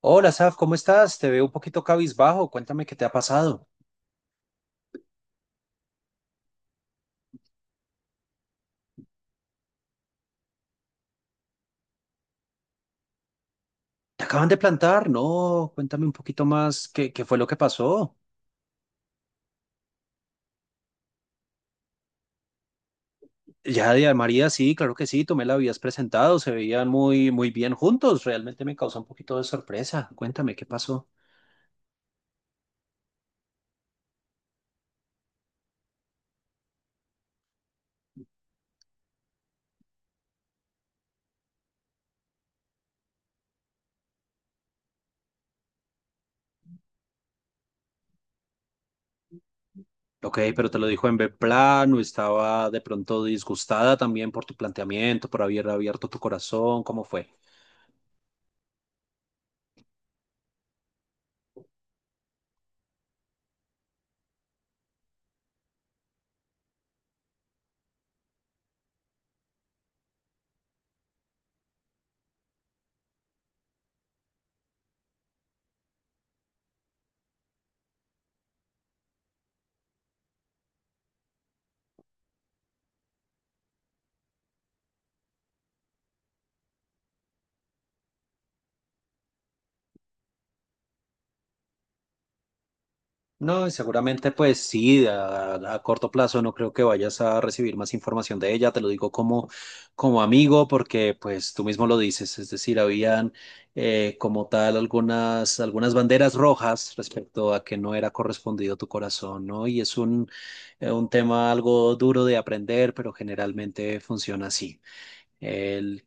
Hola, Saf, ¿cómo estás? Te veo un poquito cabizbajo. Cuéntame qué te ha pasado. Te acaban de plantar, ¿no? Cuéntame un poquito más qué fue lo que pasó. Ya de María, sí, claro que sí, tú me la habías presentado, se veían muy, muy bien juntos. Realmente me causó un poquito de sorpresa. Cuéntame qué pasó. Ok, pero te lo dijo en B plano, estaba de pronto disgustada también por tu planteamiento, por haber abierto tu corazón. ¿Cómo fue? No, y seguramente pues sí, a corto plazo no creo que vayas a recibir más información de ella, te lo digo como, como amigo porque pues tú mismo lo dices, es decir, habían como tal algunas, algunas banderas rojas respecto a que no era correspondido tu corazón, ¿no? Y es un un tema algo duro de aprender, pero generalmente funciona así. Él,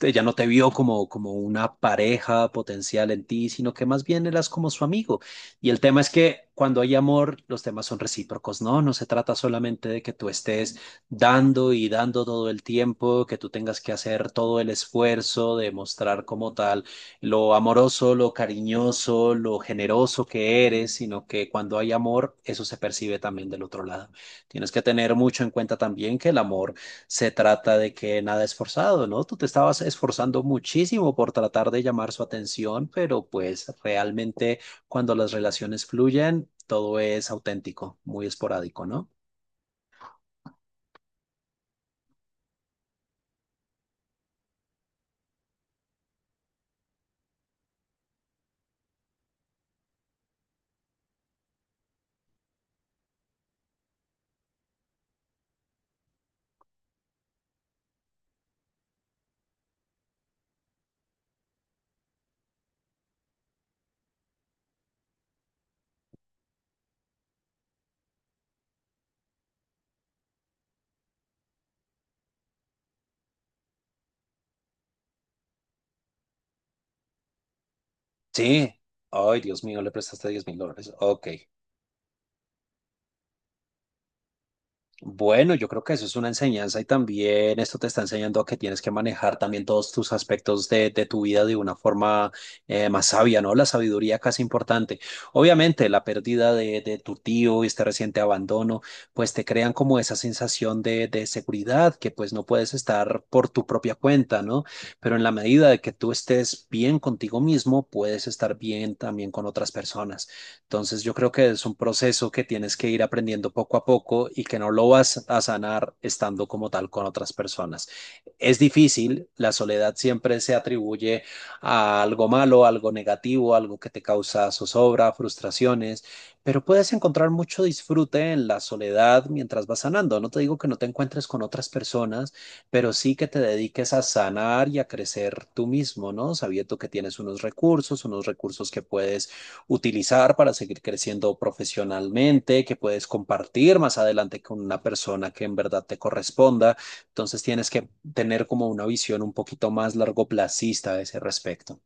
ella no te vio como, como una pareja potencial en ti, sino que más bien eras como su amigo. Y el tema es que cuando hay amor, los temas son recíprocos, ¿no? No se trata solamente de que tú estés dando y dando todo el tiempo, que tú tengas que hacer todo el esfuerzo de mostrar como tal lo amoroso, lo cariñoso, lo generoso que eres, sino que cuando hay amor, eso se percibe también del otro lado. Tienes que tener mucho en cuenta también que el amor se trata de que nada es forzado, ¿no? Tú te estabas esforzando muchísimo por tratar de llamar su atención, pero pues realmente cuando las relaciones fluyen, todo es auténtico, muy esporádico, ¿no? Sí. Ay, Dios mío, le prestaste $10,000. Ok. Bueno, yo creo que eso es una enseñanza y también esto te está enseñando a que tienes que manejar también todos tus aspectos de tu vida de una forma más sabia, ¿no? La sabiduría casi importante. Obviamente, la pérdida de tu tío y este reciente abandono, pues te crean como esa sensación de seguridad que pues no puedes estar por tu propia cuenta, ¿no? Pero en la medida de que tú estés bien contigo mismo, puedes estar bien también con otras personas. Entonces yo creo que es un proceso que tienes que ir aprendiendo poco a poco y que no lo vas a sanar estando como tal con otras personas. Es difícil, la soledad siempre se atribuye a algo malo, algo negativo, algo que te causa zozobra, frustraciones, pero puedes encontrar mucho disfrute en la soledad mientras vas sanando. No te digo que no te encuentres con otras personas, pero sí que te dediques a sanar y a crecer tú mismo, ¿no? Sabiendo que tienes unos recursos que puedes utilizar para seguir creciendo profesionalmente, que puedes compartir más adelante con una persona que en verdad te corresponda. Entonces tienes que tener como una visión un poquito más largoplacista a ese respecto.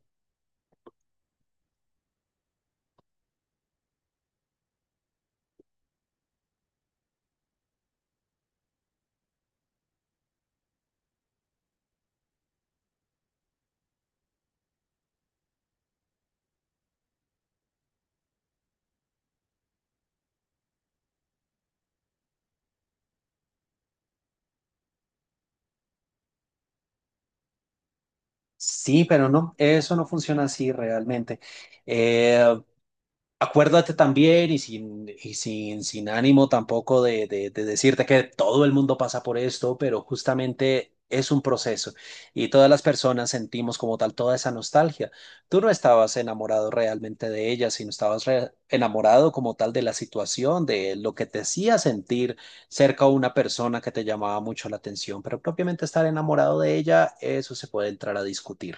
Sí, pero no, eso no funciona así realmente. Eh, Acuérdate también sin ánimo tampoco de decirte que todo el mundo pasa por esto, pero justamente es un proceso y todas las personas sentimos como tal toda esa nostalgia. Tú no estabas enamorado realmente de ella, sino estabas enamorado como tal de la situación, de lo que te hacía sentir cerca a una persona que te llamaba mucho la atención, pero propiamente estar enamorado de ella, eso se puede entrar a discutir.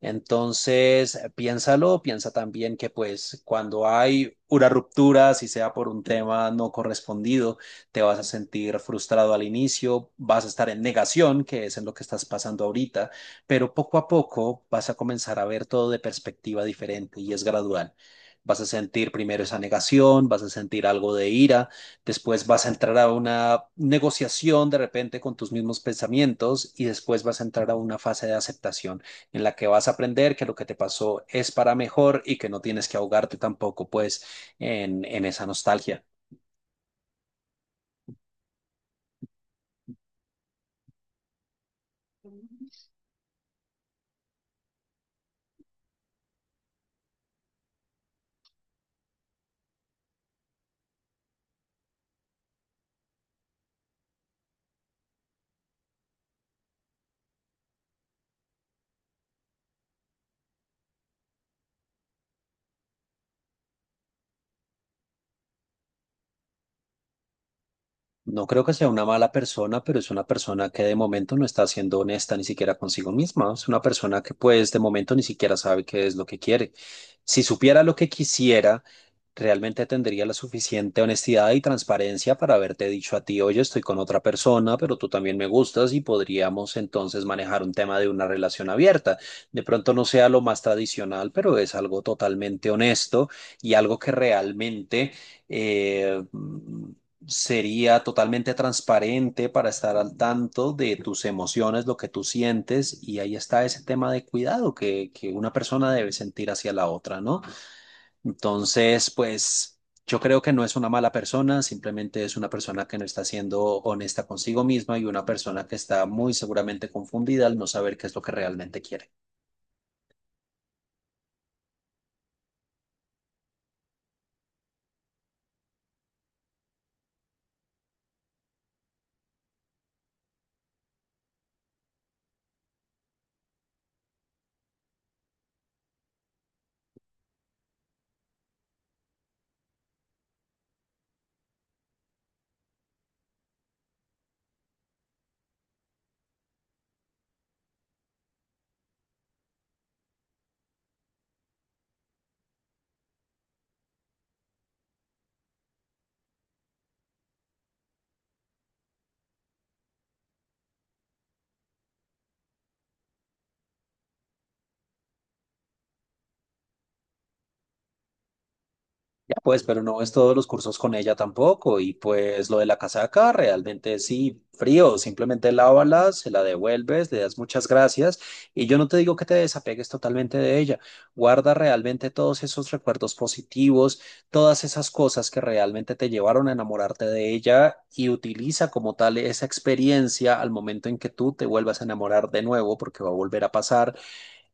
Entonces, piénsalo, piensa también que pues cuando hay una ruptura, si sea por un tema no correspondido, te vas a sentir frustrado al inicio, vas a estar en negación, que es en lo que estás pasando ahorita, pero poco a poco vas a comenzar a ver todo de perspectiva diferente y es gradual. Vas a sentir primero esa negación, vas a sentir algo de ira, después vas a entrar a una negociación de repente con tus mismos pensamientos y después vas a entrar a una fase de aceptación en la que vas a aprender que lo que te pasó es para mejor y que no tienes que ahogarte tampoco pues en esa nostalgia. No creo que sea una mala persona, pero es una persona que de momento no está siendo honesta ni siquiera consigo misma. Es una persona que pues de momento ni siquiera sabe qué es lo que quiere. Si supiera lo que quisiera, realmente tendría la suficiente honestidad y transparencia para haberte dicho a ti, oye, estoy con otra persona, pero tú también me gustas y podríamos entonces manejar un tema de una relación abierta. De pronto no sea lo más tradicional, pero es algo totalmente honesto y algo que realmente… eh, sería totalmente transparente para estar al tanto de tus emociones, lo que tú sientes, y ahí está ese tema de cuidado que una persona debe sentir hacia la otra, ¿no? Entonces, pues yo creo que no es una mala persona, simplemente es una persona que no está siendo honesta consigo misma y una persona que está muy seguramente confundida al no saber qué es lo que realmente quiere. Ya pues, pero no ves todos los cursos con ella tampoco. Y pues lo de la casaca, realmente sí, frío. Simplemente lávala, se la devuelves, le das muchas gracias. Y yo no te digo que te desapegues totalmente de ella. Guarda realmente todos esos recuerdos positivos, todas esas cosas que realmente te llevaron a enamorarte de ella y utiliza como tal esa experiencia al momento en que tú te vuelvas a enamorar de nuevo, porque va a volver a pasar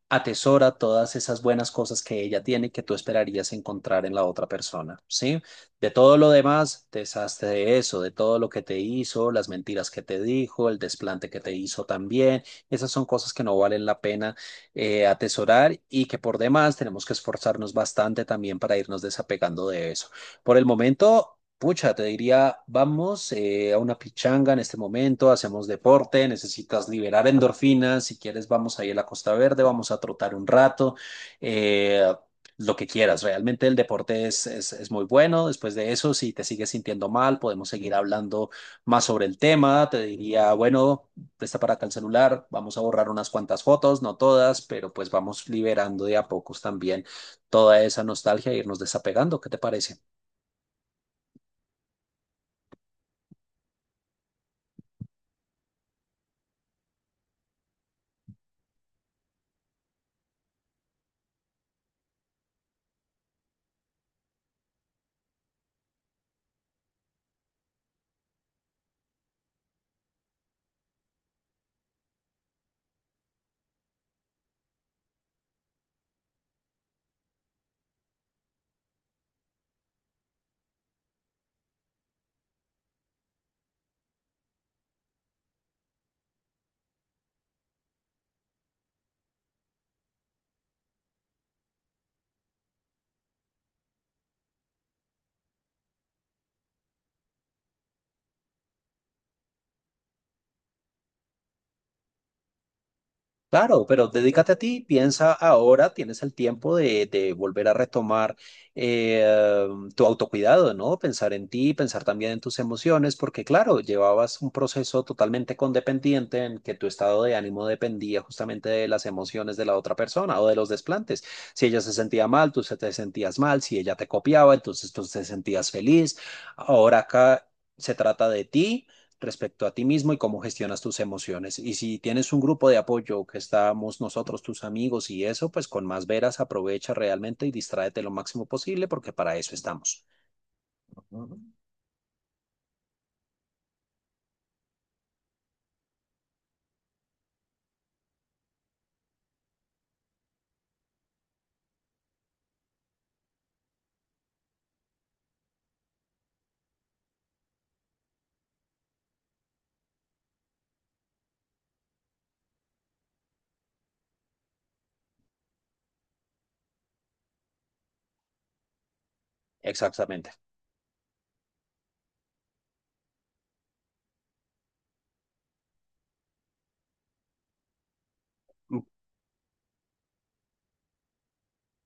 atesora todas esas buenas cosas que ella tiene que tú esperarías encontrar en la otra persona, ¿sí? De todo lo demás, deshazte de eso, de todo lo que te hizo, las mentiras que te dijo, el desplante que te hizo también, esas son cosas que no valen la pena atesorar y que por demás tenemos que esforzarnos bastante también para irnos desapegando de eso. Por el momento… Pucha, te diría, vamos a una pichanga en este momento, hacemos deporte, necesitas liberar endorfinas, si quieres vamos ahí a la Costa Verde, vamos a trotar un rato, eh, lo que quieras, realmente el deporte es muy bueno, después de eso, si te sigues sintiendo mal, podemos seguir hablando más sobre el tema, te diría, bueno, presta para acá el celular, vamos a borrar unas cuantas fotos, no todas, pero pues vamos liberando de a pocos también toda esa nostalgia e irnos desapegando, ¿qué te parece? Claro, pero dedícate a ti, piensa ahora, tienes el tiempo de volver a retomar eh, tu autocuidado, ¿no? Pensar en ti, pensar también en tus emociones, porque claro, llevabas un proceso totalmente condependiente en que tu estado de ánimo dependía justamente de las emociones de la otra persona o de los desplantes. Si ella se sentía mal, tú se te sentías mal, si ella te copiaba, entonces tú te sentías feliz. Ahora acá se trata de ti respecto a ti mismo y cómo gestionas tus emociones. Y si tienes un grupo de apoyo que estamos nosotros, tus amigos y eso, pues con más veras aprovecha realmente y distráete lo máximo posible porque para eso estamos. Exactamente.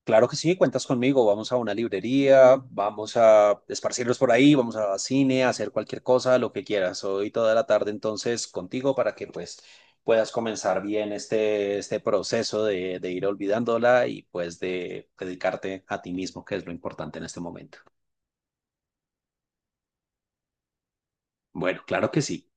Claro que sí, cuentas conmigo. Vamos a una librería, vamos a esparcirnos por ahí, vamos a cine, a hacer cualquier cosa, lo que quieras. Hoy toda la tarde entonces contigo para que pues puedas comenzar bien este proceso de ir olvidándola y pues de dedicarte a ti mismo, que es lo importante en este momento. Bueno, claro que sí.